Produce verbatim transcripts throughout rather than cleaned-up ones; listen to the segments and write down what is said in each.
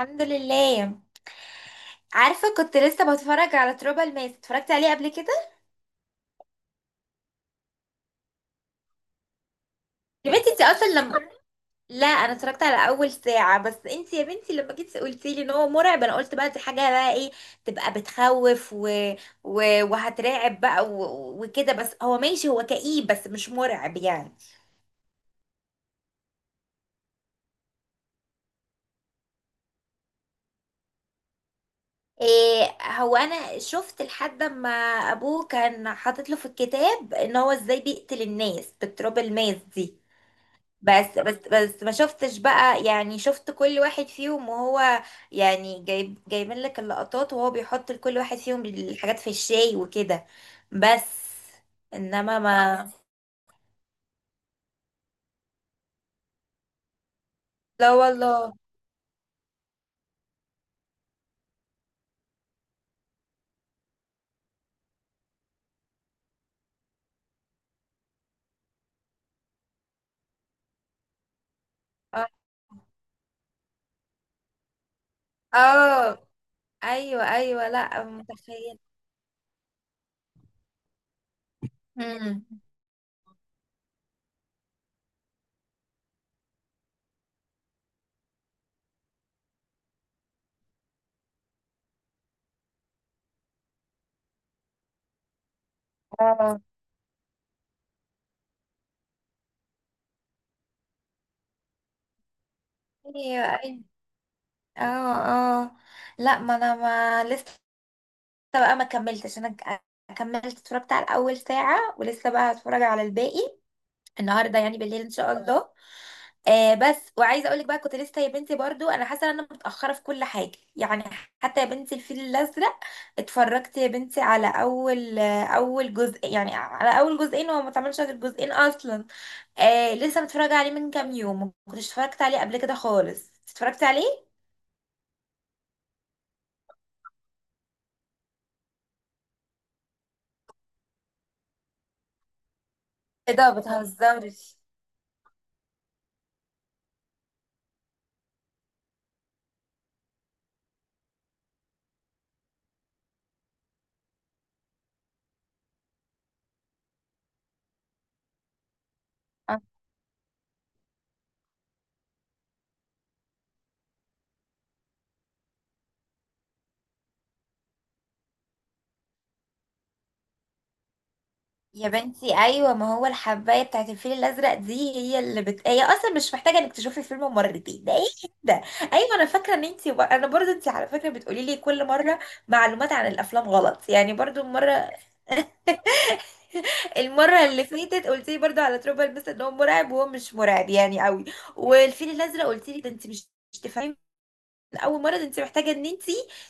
الحمد لله. عارفه كنت لسه بتفرج على تروبا الماس، اتفرجت عليه قبل كده. يا بنتي انت اصلا لما لا، انا اتفرجت على اول ساعه. بس انت يا بنتي لما جيتي قلتي لي ان هو مرعب، انا قلت بقى دي حاجه بقى ايه؟ تبقى بتخوف و... و... وهترعب بقى و... وكده. بس هو ماشي، هو كئيب بس مش مرعب يعني. إيه هو انا شفت لحد ما ابوه كان حاطط له في الكتاب ان هو ازاي بيقتل الناس بالتروبا الماس دي. بس بس بس ما شفتش بقى، يعني شفت كل واحد فيهم وهو يعني جايب جايبين لك اللقطات، وهو بيحط لكل واحد فيهم الحاجات في الشاي وكده. بس. انما ما لا والله. اه. آه. ايوه، ايوه، لا متخيل. امم. اه. ايوه، ايوه. اه. اه. لا، ما انا ما لسه بقى ما كملتش انا ك- كملت، اتفرجت على اول ساعة ولسه بقى هتفرج على الباقي النهارده، يعني بالليل ان شاء الله. آه بس وعايزه اقول لك بقى، كنت لسه يا بنتي برضو انا حاسه ان انا متاخره في كل حاجه يعني. حتى يا بنتي الفيل الازرق اتفرجت يا بنتي على اول آه، اول جزء، يعني على اول جزئين، هو ما اتعملش غير جزئين اصلا. آه لسه متفرجه عليه من كام يوم، ما كنتش اتفرجت عليه قبل كده خالص، اتفرجت عليه. ايه ده، بتهزرش؟ يا بنتي ايوه، ما هو الحبايه بتاعت الفيل الازرق دي هي اللي بت... هي اصلا مش محتاجه انك تشوفي الفيلم مرتين، ده ايه ده؟ ايوه انا فاكره ان انت، انا برضو انت على فكره بتقولي لي كل مره معلومات عن الافلام غلط يعني، برضو المره المره اللي فاتت قلت لي برضو على تروبل مثلا ان هو مرعب وهو مش مرعب يعني قوي. والفيل الازرق قلت لي ده انت مش مش تفهمي اول مره، ده انت محتاجه ان انت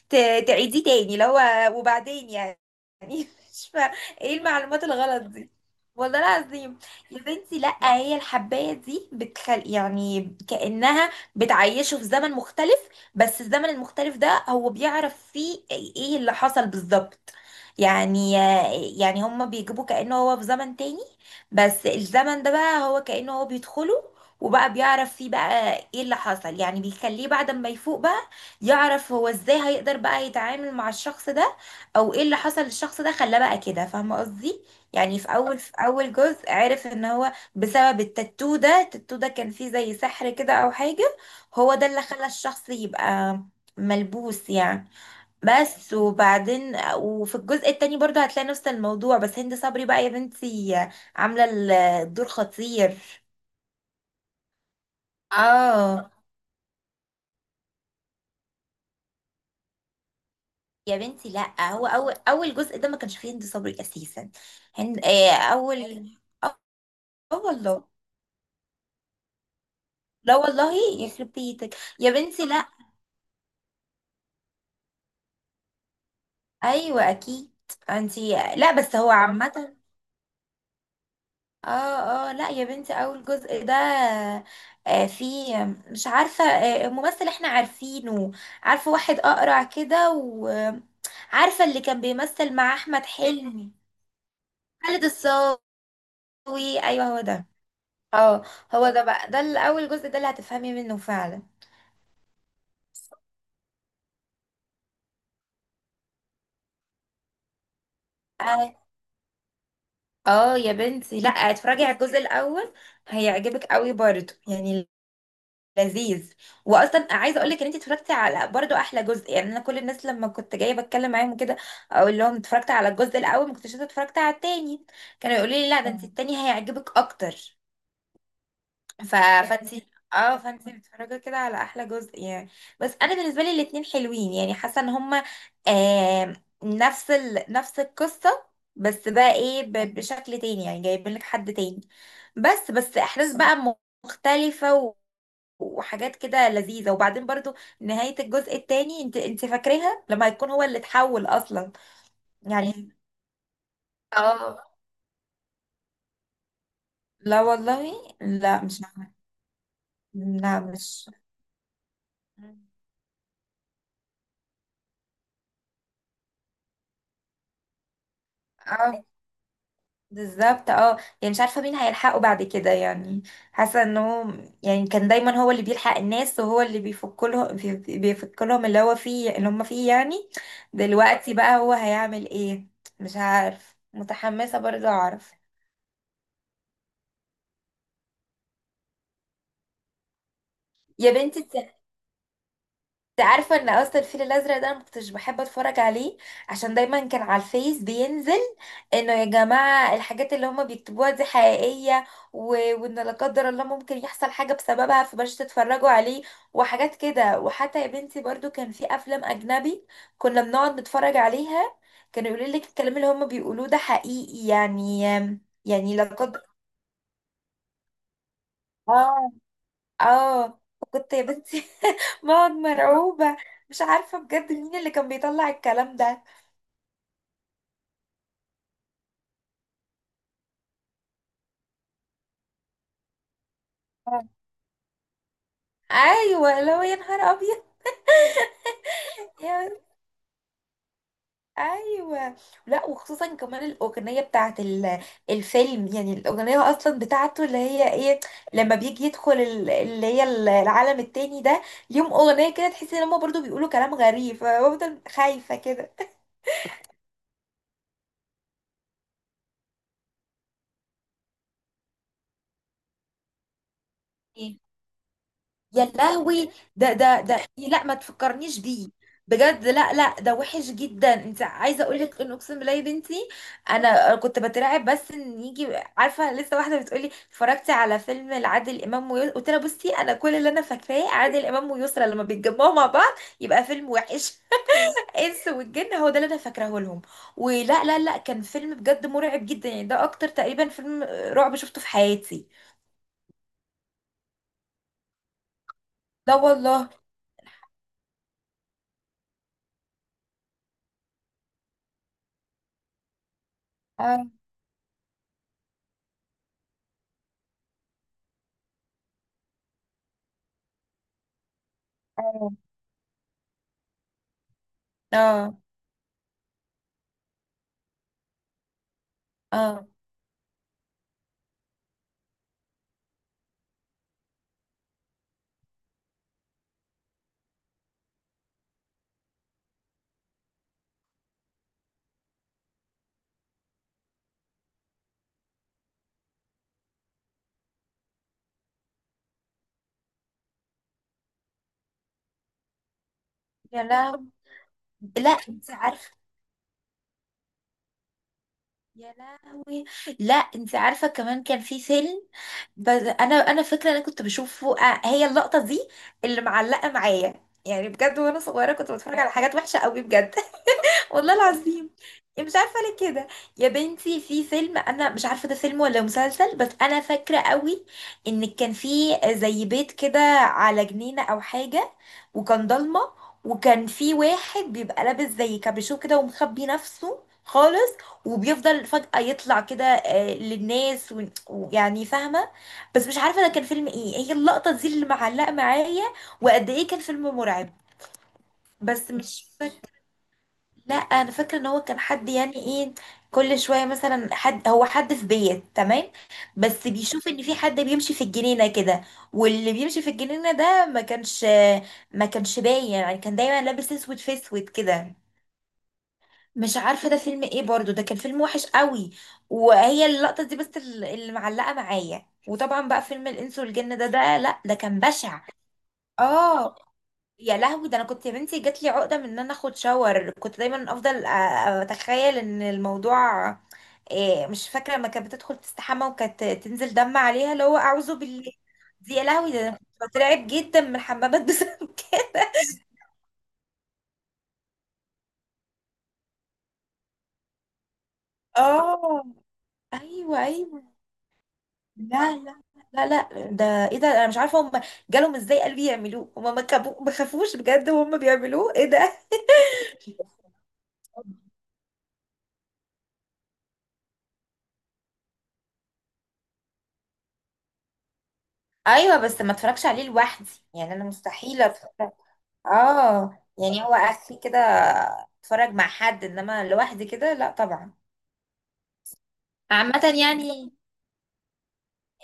ت- تعيديه تاني لو وبعدين يعني. مش فا ايه المعلومات الغلط دي؟ والله العظيم. يا بنتي لا، هي الحبايه دي بتخل يعني كانها بتعيشه في زمن مختلف، بس الزمن المختلف ده هو بيعرف فيه ايه اللي حصل بالظبط. يعني يعني هما بيجيبوا كأنه هو في زمن تاني، بس الزمن ده بقى هو كأنه هو بيدخله وبقى بيعرف فيه بقى ايه اللي حصل، يعني بيخليه بعد ما يفوق بقى يعرف هو ازاي هيقدر بقى يتعامل مع الشخص ده او ايه اللي حصل للشخص ده خلاه بقى كده، فاهمه قصدي؟ يعني في اول في اول جزء عرف ان هو بسبب التاتو ده، التاتو ده كان فيه زي سحر كده او حاجه، هو ده اللي خلى الشخص يبقى ملبوس يعني. بس وبعدين وفي الجزء التاني برضو هتلاقي نفس الموضوع، بس هند صبري بقى يا بنتي عامله الدور خطير. اه يا بنتي لا، هو اول اول جزء ده ما كانش فيه هند صبري اساسا. هند آه اول اه. آه والله. لا والله. يخرب بيتك يا بنتي، لا. ايوه اكيد. انتي لا، بس هو عامه. اه. اه. لا يا بنتي، اول جزء ده آه فيه، مش عارفه، آه ممثل احنا عارفينه، عارفه واحد اقرع كده، وعارفه اللي كان بيمثل مع احمد حلمي. خالد الصاوي. ايوه هو ده. اه. هو ده بقى، ده الاول جزء ده اللي هتفهمي منه فعلا. اه. آه يا بنتي لا، اتفرجي على الجزء الاول، هيعجبك قوي برضه يعني، لذيذ. واصلا عايزه اقول لك ان انت اتفرجتي على برضه احلى جزء، يعني انا كل الناس لما كنت جايه بتكلم معاهم كده اقول لهم اتفرجت على الجزء الاول ما كنتش لسه اتفرجت على التاني، كانوا يقولوا لي لا ده انت، آه. التاني هيعجبك اكتر. ف... فانتي. اه، فانتي بتتفرجي كده على احلى جزء يعني. بس انا بالنسبه لي الاتنين حلوين، يعني حاسه ان هما آه نفس ال... نفس القصه، بس بقى ايه ب... بشكل تاني، يعني جايبين لك حد تاني، بس بس احداث بقى م- مختلفه و... وحاجات كده لذيذه، وبعدين برضو نهايه الجزء التاني، انت انت فاكراها لما هيكون هو اللي اتحول اصلا يعني. اه. لا والله. لا، مش عارفة. لا مش اه، بالظبط، اه. يعني مش عارفة مين هيلحقه بعد كده يعني، حاسة انه يعني كان دايما هو اللي بيلحق الناس وهو اللي بيفك لهم بيفك لهم اللي هو فيه اللي هم فيه يعني، دلوقتي بقى هو هيعمل ايه؟ مش عارف، متحمسة برضه اعرف. يا بنتي انت عارفه ان اصلا الفيل الازرق ده انا مكنتش بحب اتفرج عليه، عشان دايما كان على الفيس بينزل انه يا جماعه الحاجات اللي هما بيكتبوها دي حقيقيه و... وان لا قدر الله ممكن يحصل حاجه بسببها، فبلاش تتفرجوا عليه وحاجات كده. وحتى يا بنتي برضو كان في افلام اجنبي كنا بنقعد نتفرج عليها، كانوا يقولوا لك الكلام اللي هما بيقولوه ده حقيقي يعني يعني لا قدر. اه. اه. كنت يا بنتي بقعد مرعوبة، مش عارفة بجد مين اللي كان بيطلع الكلام ده. آه. ايوه لو، يا نهار ابيض. يا بنتي. ايوه، لا وخصوصا كمان الاغنيه بتاعت ال- الفيلم، يعني الاغنيه اصلا بتاعته اللي هي ايه، لما بيجي يدخل ال- اللي هي ال- العالم التاني ده، ليهم اغنيه كده تحسي ان هم برضو بيقولوا كلام غريب فبفضل خايفه كده. يا لهوي. ده ده ده إيه، لا، ما تفكرنيش بيه، بجد لا، لا، ده وحش جدا. انت عايزه اقول لك ان اقسم بالله يا بنتي انا كنت بترعب، بس ان يجي، عارفه لسه واحده بتقولي اتفرجتي على فيلم لعادل امام ويسرا، قلت لها بصي انا كل اللي انا فاكراه عادل امام ويسرا لما بيتجمعوا مع بعض يبقى فيلم وحش. انس والجن هو ده اللي انا فاكراه لهم. ولا لا لا، كان فيلم بجد مرعب جدا يعني، ده اكتر تقريبا فيلم رعب شفته في حياتي. لا والله. اه. اه. اه. اه. يا لهوي. لا انت عارفه. يا لهوي. لا انت عارفه، كمان كان في فيلم، بس انا انا فاكره انا كنت بشوفه، آه، هي اللقطه دي اللي معلقه معايا يعني بجد، وانا صغيره كنت بتفرج على حاجات وحشه قوي بجد، والله العظيم. إيه، مش عارفه ليه كده. يا بنتي في فيلم، انا مش عارفه ده فيلم ولا مسلسل، بس انا فاكره قوي ان كان في زي بيت كده على جنينه او حاجه، وكان ضلمه، وكان في واحد بيبقى لابس زي كابيشو كده ومخبي نفسه خالص، وبيفضل فجأة يطلع كده آه، للناس و- ويعني فاهمة، بس مش عارفة ده كان فيلم ايه، هي اللقطة دي اللي معلقة معايا، وقد ايه كان فيلم مرعب. بس مش لا، انا فاكره ان هو كان حد يعني ايه، كل شويه مثلا حد هو حد في بيت تمام، بس بيشوف ان في حد بيمشي في الجنينه كده، واللي بيمشي في الجنينه ده ما كانش ما كانش باين، يعني كان دايما لابس اسود في اسود كده. مش عارفه ده فيلم ايه برضو، ده كان فيلم وحش قوي. وهي اللقطه دي بس ال- اللي معلقه معايا، وطبعا بقى فيلم الانس والجن ده ده، لا، ده كان بشع. اه. يا لهوي. ده انا كنت يا بنتي جات لي عقده من ان انا اخد شاور، كنت دايما افضل أ- اتخيل ان الموضوع، إيه، مش فاكره لما كانت بتدخل تستحمى وكانت تنزل دم عليها اللي هو اعوذ بالله دي. يا لهوي، ده انا كنت بترعب جدا من الحمامات بسبب كده. اه. ايوه، ايوه. لا، لا، لا، لا، ده ايه ده؟ انا مش عارفه هم جالهم ازاي قلبي يعملوه، هم ما كبو- ما خافوش بجد وهم بيعملوه، ايه ده؟ ايوه، بس ما اتفرجش عليه لوحدي يعني، انا مستحيل اتفرج. اه، يعني هو اخري كده اتفرج مع حد انما لوحدي كده لا طبعا. عامة يعني.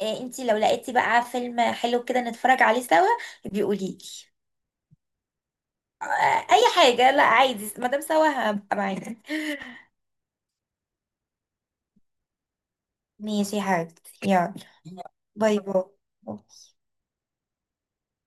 إيه انتي لو لقيتي بقى فيلم حلو كده نتفرج عليه سوا، بيقوليلي. آه، اي حاجة لا عادي، ما دام سوا هبقى معاكي. ماشي يا حبيبتي، يلا. باي باي.